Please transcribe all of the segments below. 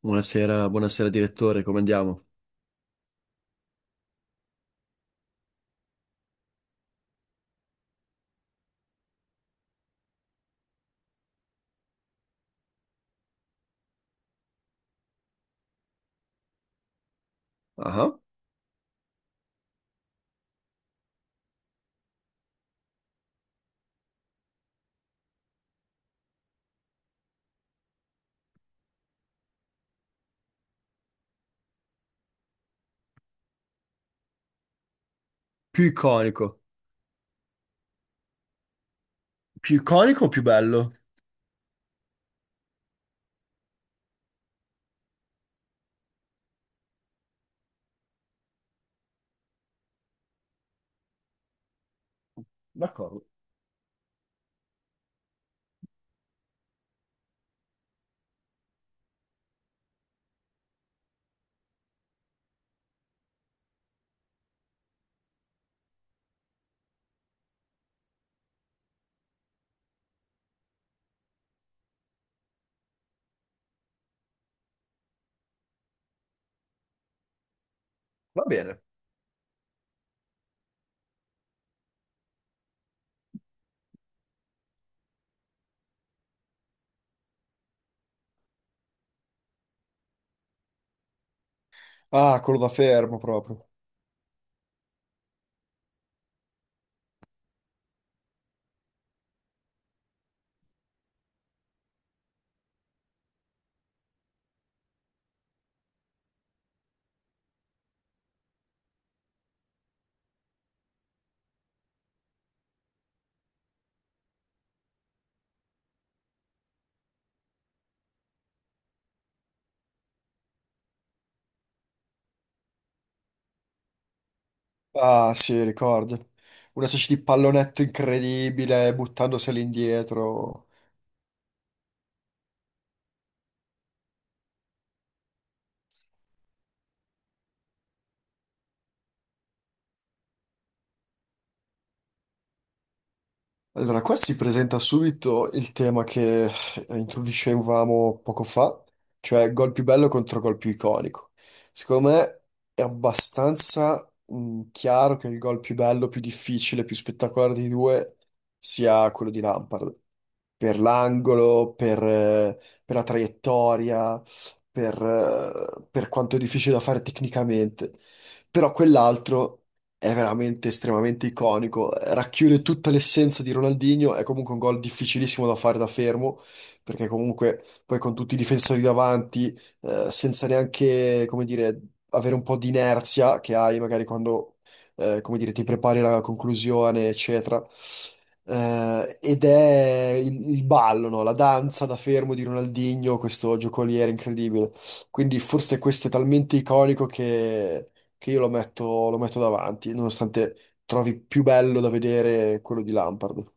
Buonasera, buonasera direttore, come andiamo? Ah, più iconico. Più iconico o più bello? D'accordo, va bene. Ah, quello da fermo proprio. Ah, sì, ricordo. Una specie di pallonetto incredibile buttandosi all'indietro. Allora, qua si presenta subito il tema che introducevamo poco fa, cioè gol più bello contro gol più iconico. Secondo me è abbastanza chiaro che il gol più bello, più difficile, più spettacolare dei due sia quello di Lampard. Per l'angolo, per la traiettoria, per quanto è difficile da fare tecnicamente. Però quell'altro è veramente estremamente iconico, racchiude tutta l'essenza di Ronaldinho, è comunque un gol difficilissimo da fare da fermo, perché comunque poi con tutti i difensori davanti, senza neanche, come dire, avere un po' di inerzia che hai magari quando, come dire, ti prepari la conclusione, eccetera. Ed è il ballo, no? La danza da fermo di Ronaldinho, questo giocoliere incredibile. Quindi forse questo è talmente iconico che io lo metto davanti, nonostante trovi più bello da vedere quello di Lampard.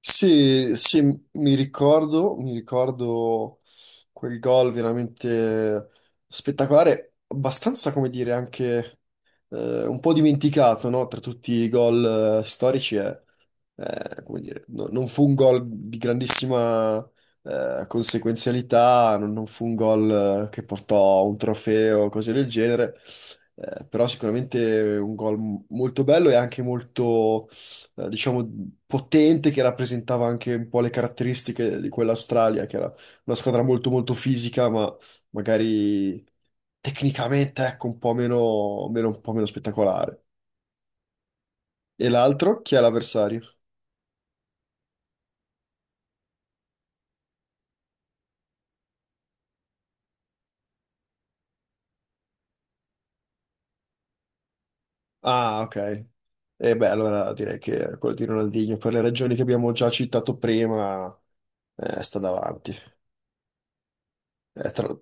Sì, sì, mi ricordo quel gol veramente spettacolare, abbastanza, come dire, anche un po' dimenticato, no? Tra tutti i gol storici è, come dire, non fu un gol di grandissima conseguenzialità, non fu un gol che portò a un trofeo, cose del genere, però sicuramente un gol molto bello e anche molto, diciamo, potente, che rappresentava anche un po' le caratteristiche di quell'Australia, che era una squadra molto molto fisica, ma magari tecnicamente, ecco, un po' meno, un po' meno spettacolare. E l'altro, chi è l'avversario? Ah, ok. E beh, allora direi che quello di Ronaldinho, per le ragioni che abbiamo già citato prima, sta davanti. Eh, tra-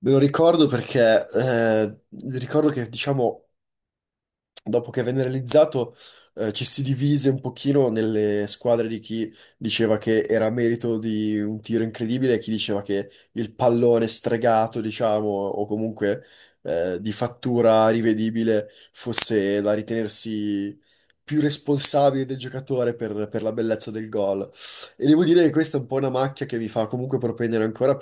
Me lo ricordo perché, ricordo che, diciamo, dopo che venne realizzato, ci si divise un pochino nelle squadre di chi diceva che era merito di un tiro incredibile e chi diceva che il pallone stregato, diciamo, o comunque di fattura rivedibile fosse da ritenersi più responsabile del giocatore per la bellezza del gol. E devo dire che questa è un po' una macchia che mi fa comunque propendere ancora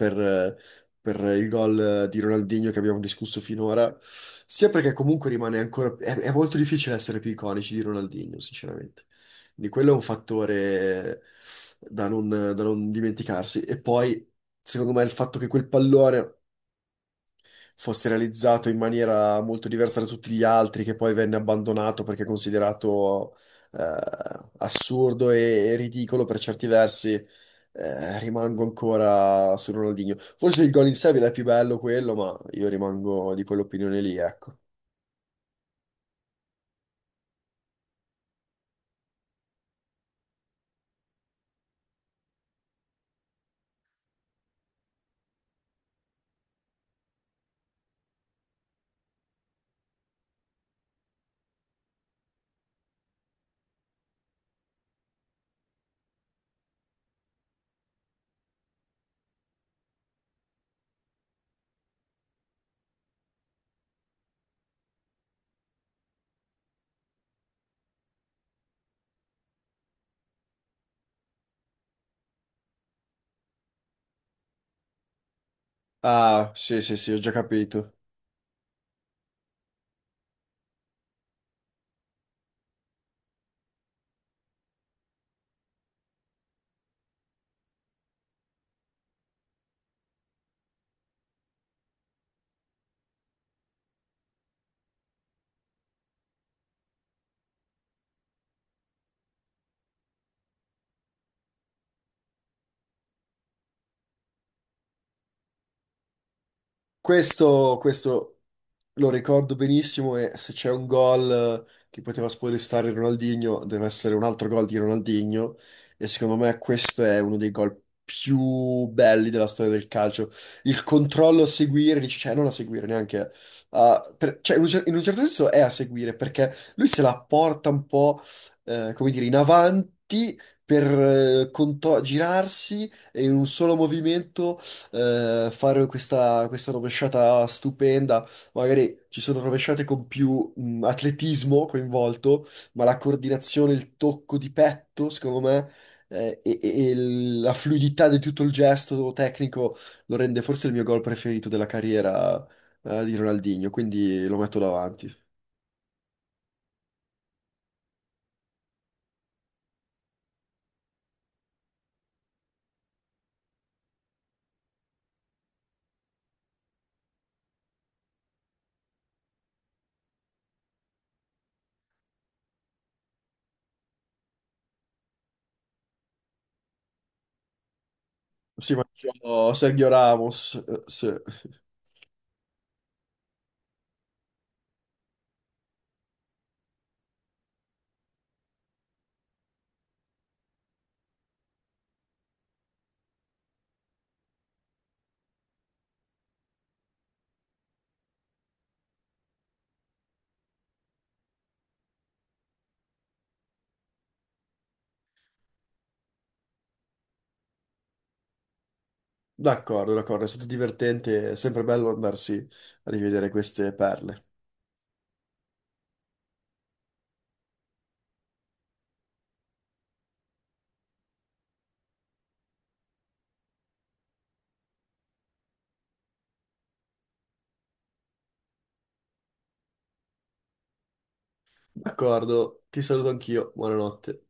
per il gol di Ronaldinho che abbiamo discusso finora, sia perché comunque rimane ancora... È, è molto difficile essere più iconici di Ronaldinho, sinceramente. Quindi quello è un fattore da non, da non dimenticarsi. E poi, secondo me, il fatto che quel pallone fosse realizzato in maniera molto diversa da tutti gli altri, che poi venne abbandonato perché considerato assurdo e ridicolo per certi versi. Rimango ancora su Ronaldinho. Forse il gol in sé è più bello quello, ma io rimango di quell'opinione lì, ecco. Ah, sì, sì, sì, ho già capito. Questo lo ricordo benissimo e se c'è un gol che poteva spoilestare Ronaldinho, deve essere un altro gol di Ronaldinho, e secondo me questo è uno dei gol più belli della storia del calcio. Il controllo a seguire, dici, cioè non a seguire neanche, cioè in un, in un certo senso è a seguire perché lui se la porta un po', come dire, in avanti per girarsi e in un solo movimento fare questa, questa rovesciata stupenda. Magari ci sono rovesciate con più atletismo coinvolto, ma la coordinazione, il tocco di petto, secondo me, e la fluidità di tutto il gesto tecnico lo rende forse il mio gol preferito della carriera, di Ronaldinho, quindi lo metto davanti. Sì, ma anch'io Sergio Ramos, sì. D'accordo, d'accordo, è stato divertente, è sempre bello andarsi a rivedere queste perle. D'accordo, ti saluto anch'io, buonanotte.